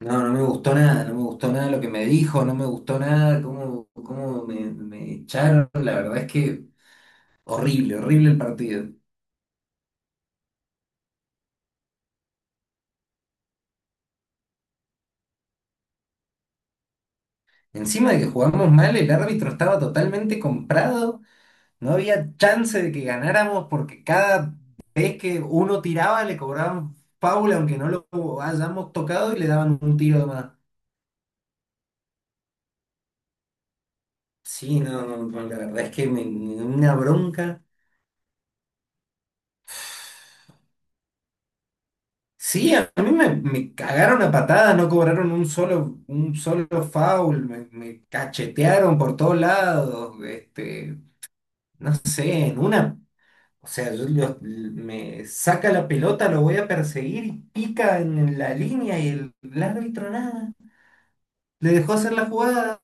No, no me gustó nada, no me gustó nada lo que me dijo, no me gustó nada cómo me echaron. La verdad es que horrible, horrible el partido. Encima de que jugamos mal, el árbitro estaba totalmente comprado, no había chance de que ganáramos porque cada vez que uno tiraba le cobraban foul aunque no lo hayamos tocado y le daban un tiro de más. Sí, no, no, no, la verdad es que me dio una bronca. Sí, a mí me cagaron a patadas, no cobraron un solo foul, me cachetearon por todos lados, no sé, en una, o sea, me saca la pelota, lo voy a perseguir y pica en la línea y el árbitro nada, le dejó hacer la jugada.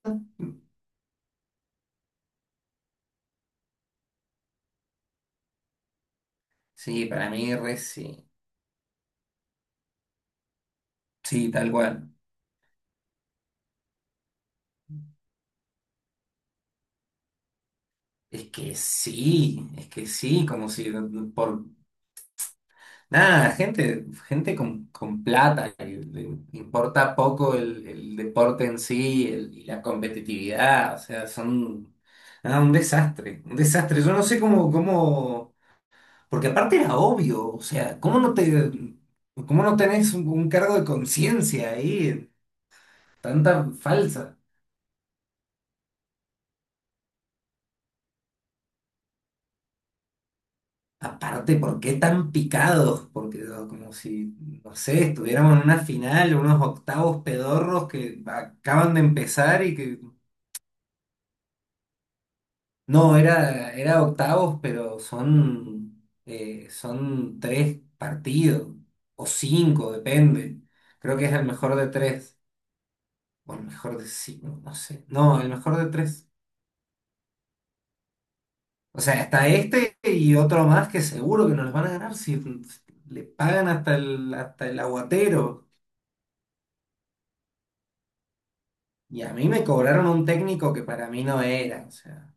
Sí, para mí re sí, sí, tal cual. Es que sí, como si por. Nada, gente, gente con plata, que le importa poco el deporte en sí y la competitividad, o sea, son nada, un desastre, un desastre. Yo no sé cómo, porque aparte era obvio, o sea, ¿cómo no tenés un cargo de conciencia ahí? Tanta falsa. Aparte, ¿por qué tan picados? Porque no, como si, no sé, estuviéramos en una final, unos octavos pedorros que acaban de empezar y que. No, era octavos, pero son tres partidos, o cinco, depende. Creo que es el mejor de tres, o el mejor de cinco, no sé. No, el mejor de tres. O sea, está este y otro más que seguro que nos los van a ganar si le pagan hasta el aguatero. Y a mí me cobraron un técnico que para mí no era, o sea,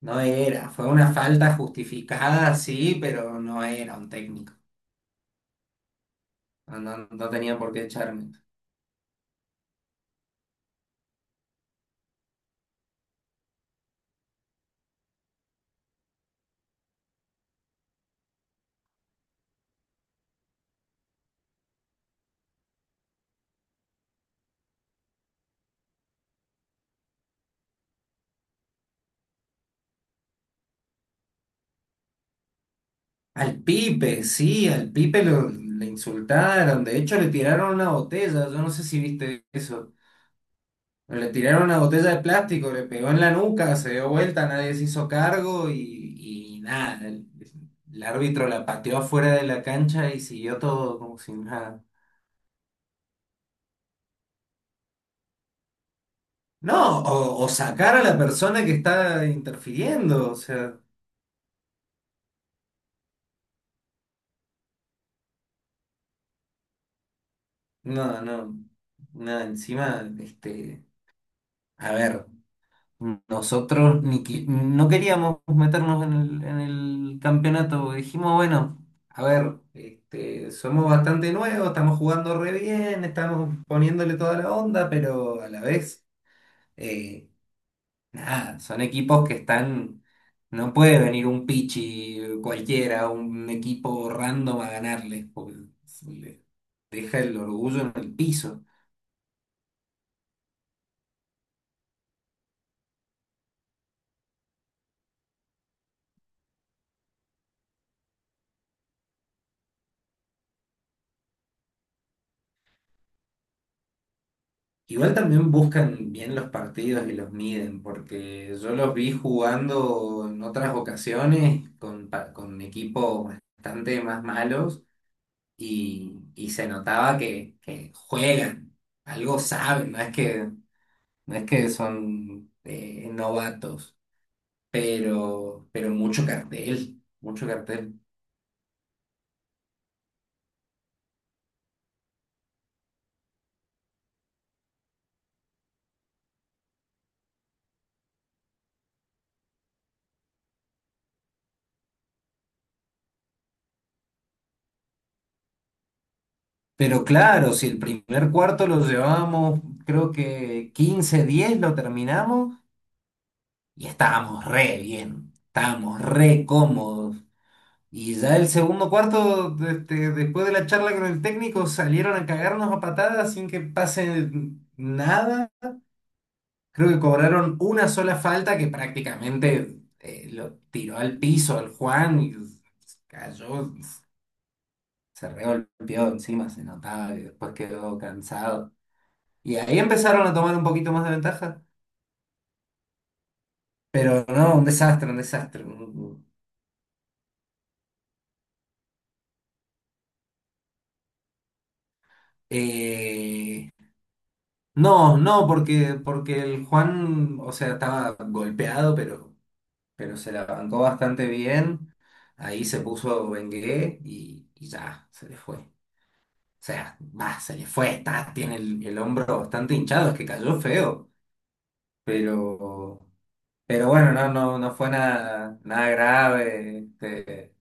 no era. Fue una falta justificada, sí, pero no era un técnico. No, no tenía por qué echarme. Al Pipe, sí, le insultaron, de hecho le tiraron una botella, yo no sé si viste eso, pero le tiraron una botella de plástico, le pegó en la nuca, se dio vuelta, nadie se hizo cargo y nada, el árbitro la pateó afuera de la cancha y siguió todo como si nada. No, o sacar a la persona que está interfiriendo, o sea, no, no, nada, encima, a ver. Nosotros ni qui- no queríamos meternos en el campeonato. Dijimos, bueno, a ver, somos bastante nuevos, estamos jugando re bien, estamos poniéndole toda la onda, pero a la vez, eh, nada, son equipos que están. No puede venir un pichi cualquiera, un equipo random a ganarles, porque se le deja el orgullo en el piso. Igual también buscan bien los partidos y los miden, porque yo los vi jugando en otras ocasiones con equipos bastante más malos y se notaba que juegan, algo saben, no es que son novatos, pero mucho cartel, mucho cartel. Pero claro, si el primer cuarto lo llevamos, creo que 15-10 lo terminamos. Y estábamos re bien, estábamos re cómodos. Y ya el segundo cuarto, después de la charla con el técnico, salieron a cagarnos a patadas sin que pase nada. Creo que cobraron una sola falta que prácticamente lo tiró al piso al Juan y cayó, se regolpeó encima, se notaba y después quedó cansado. Y ahí empezaron a tomar un poquito más de ventaja. Pero no, un desastre, un desastre. Eh, No, no, porque el Juan, o sea, estaba golpeado, pero se la bancó bastante bien. Ahí se puso Bengué y ya, se le fue. O sea, va, se le fue, está, tiene el hombro bastante hinchado, es que cayó feo. Pero, pero bueno, no, no, no fue nada, nada grave.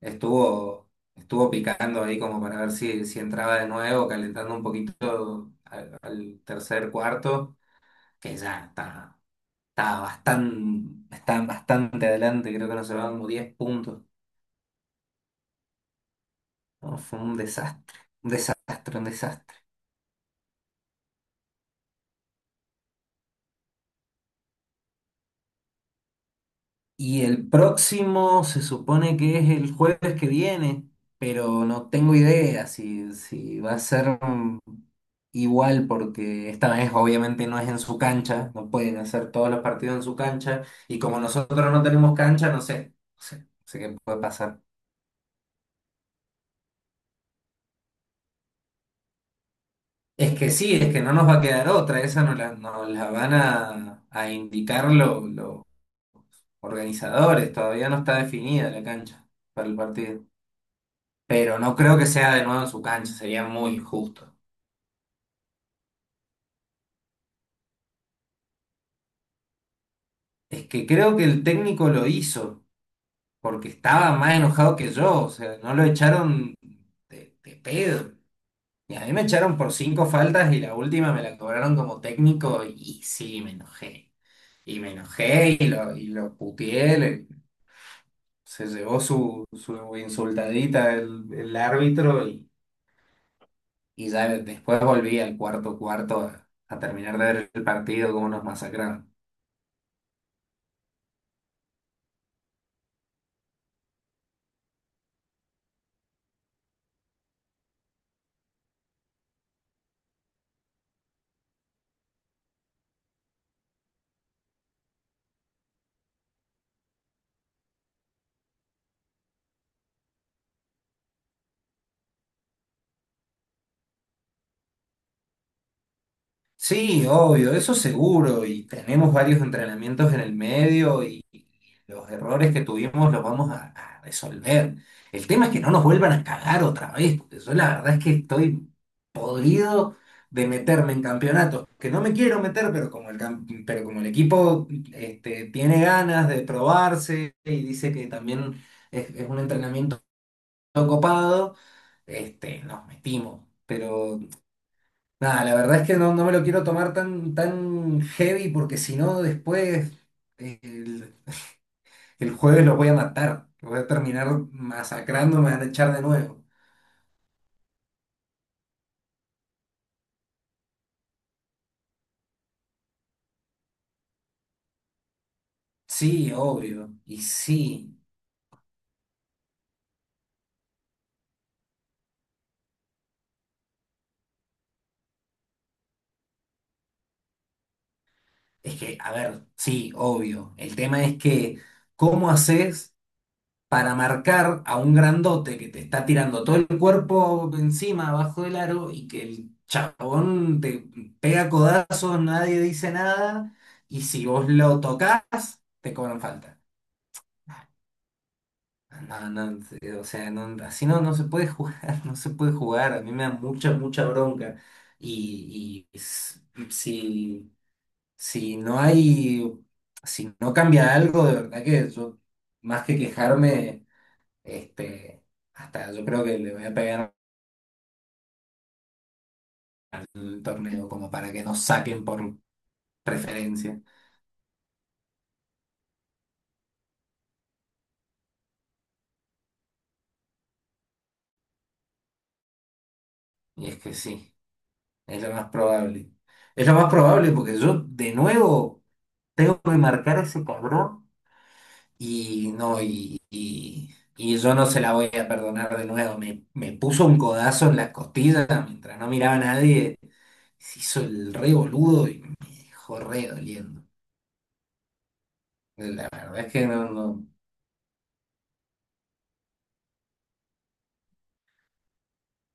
estuvo, estuvo picando ahí como para ver si entraba de nuevo, calentando un poquito al tercer cuarto que ya está. Está bastante adelante, creo que nos llevaban como 10 puntos. No, fue un desastre, un desastre, un desastre. Y el próximo se supone que es el jueves que viene, pero no tengo idea si va a ser igual, porque esta vez obviamente no es en su cancha, no pueden hacer todos los partidos en su cancha, y como nosotros no tenemos cancha, no sé, no sé, no sé qué puede pasar. Es que sí, es que no nos va a quedar otra, esa nos la van a indicar los organizadores, todavía no está definida la cancha para el partido. Pero no creo que sea de nuevo en su cancha, sería muy injusto. Es que creo que el técnico lo hizo, porque estaba más enojado que yo, o sea, no lo echaron de pedo. Y a mí me echaron por cinco faltas y la última me la cobraron como técnico y sí, me enojé. Y me enojé y lo puteé. Se llevó su insultadita el árbitro y ya después volví al cuarto cuarto a terminar de ver el partido como nos masacraron. Sí, obvio, eso seguro, y tenemos varios entrenamientos en el medio. Los errores que tuvimos los vamos a resolver. El tema es que no nos vuelvan a cagar otra vez, porque yo la verdad es que estoy podrido de meterme en campeonatos, que no me quiero meter, pero pero como el equipo tiene ganas de probarse y dice que también es un entrenamiento copado, nos metimos. Pero nada, la verdad es que no me lo quiero tomar tan, tan heavy, porque si no después... El jueves los voy a matar, los voy a terminar masacrando, me van a echar de nuevo. Sí, obvio, y sí, es que, a ver, sí, obvio. El tema es que, ¿cómo haces para marcar a un grandote que te está tirando todo el cuerpo encima, abajo del aro, y que el chabón te pega codazos, nadie dice nada, y si vos lo tocas, te cobran falta? No, no, o sea, no, así no se puede jugar, no se puede jugar. A mí me da mucha, mucha bronca. Y, y s- si, si no hay, si no cambia algo, de verdad que yo, más que quejarme, este, hasta yo creo que le voy a pegar al torneo como para que nos saquen por preferencia. Y es que sí, es lo más probable. Es lo más probable porque yo de nuevo tengo que marcar a ese cabrón. Y no, y yo no se la voy a perdonar de nuevo. Me puso un codazo en las costillas mientras no miraba a nadie. Se hizo el re boludo y me dejó re doliendo. La verdad es que no, no.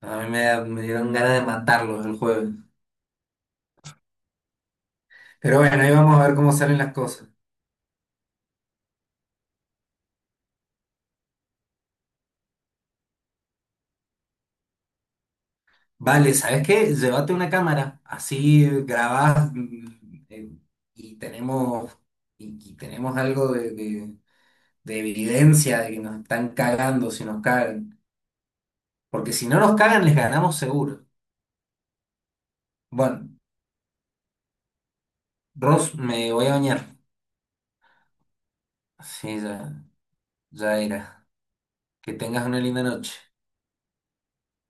A mí me dieron ganas de matarlos el jueves. Pero bueno, ahí vamos a ver cómo salen las cosas. Vale, ¿sabes qué? Llévate una cámara, así grabás y tenemos, y tenemos algo de evidencia de que nos están cagando si nos cagan. Porque si no nos cagan, les ganamos seguro. Bueno, Ross, me voy a bañar. Sí, ya, ya era. Que tengas una linda noche.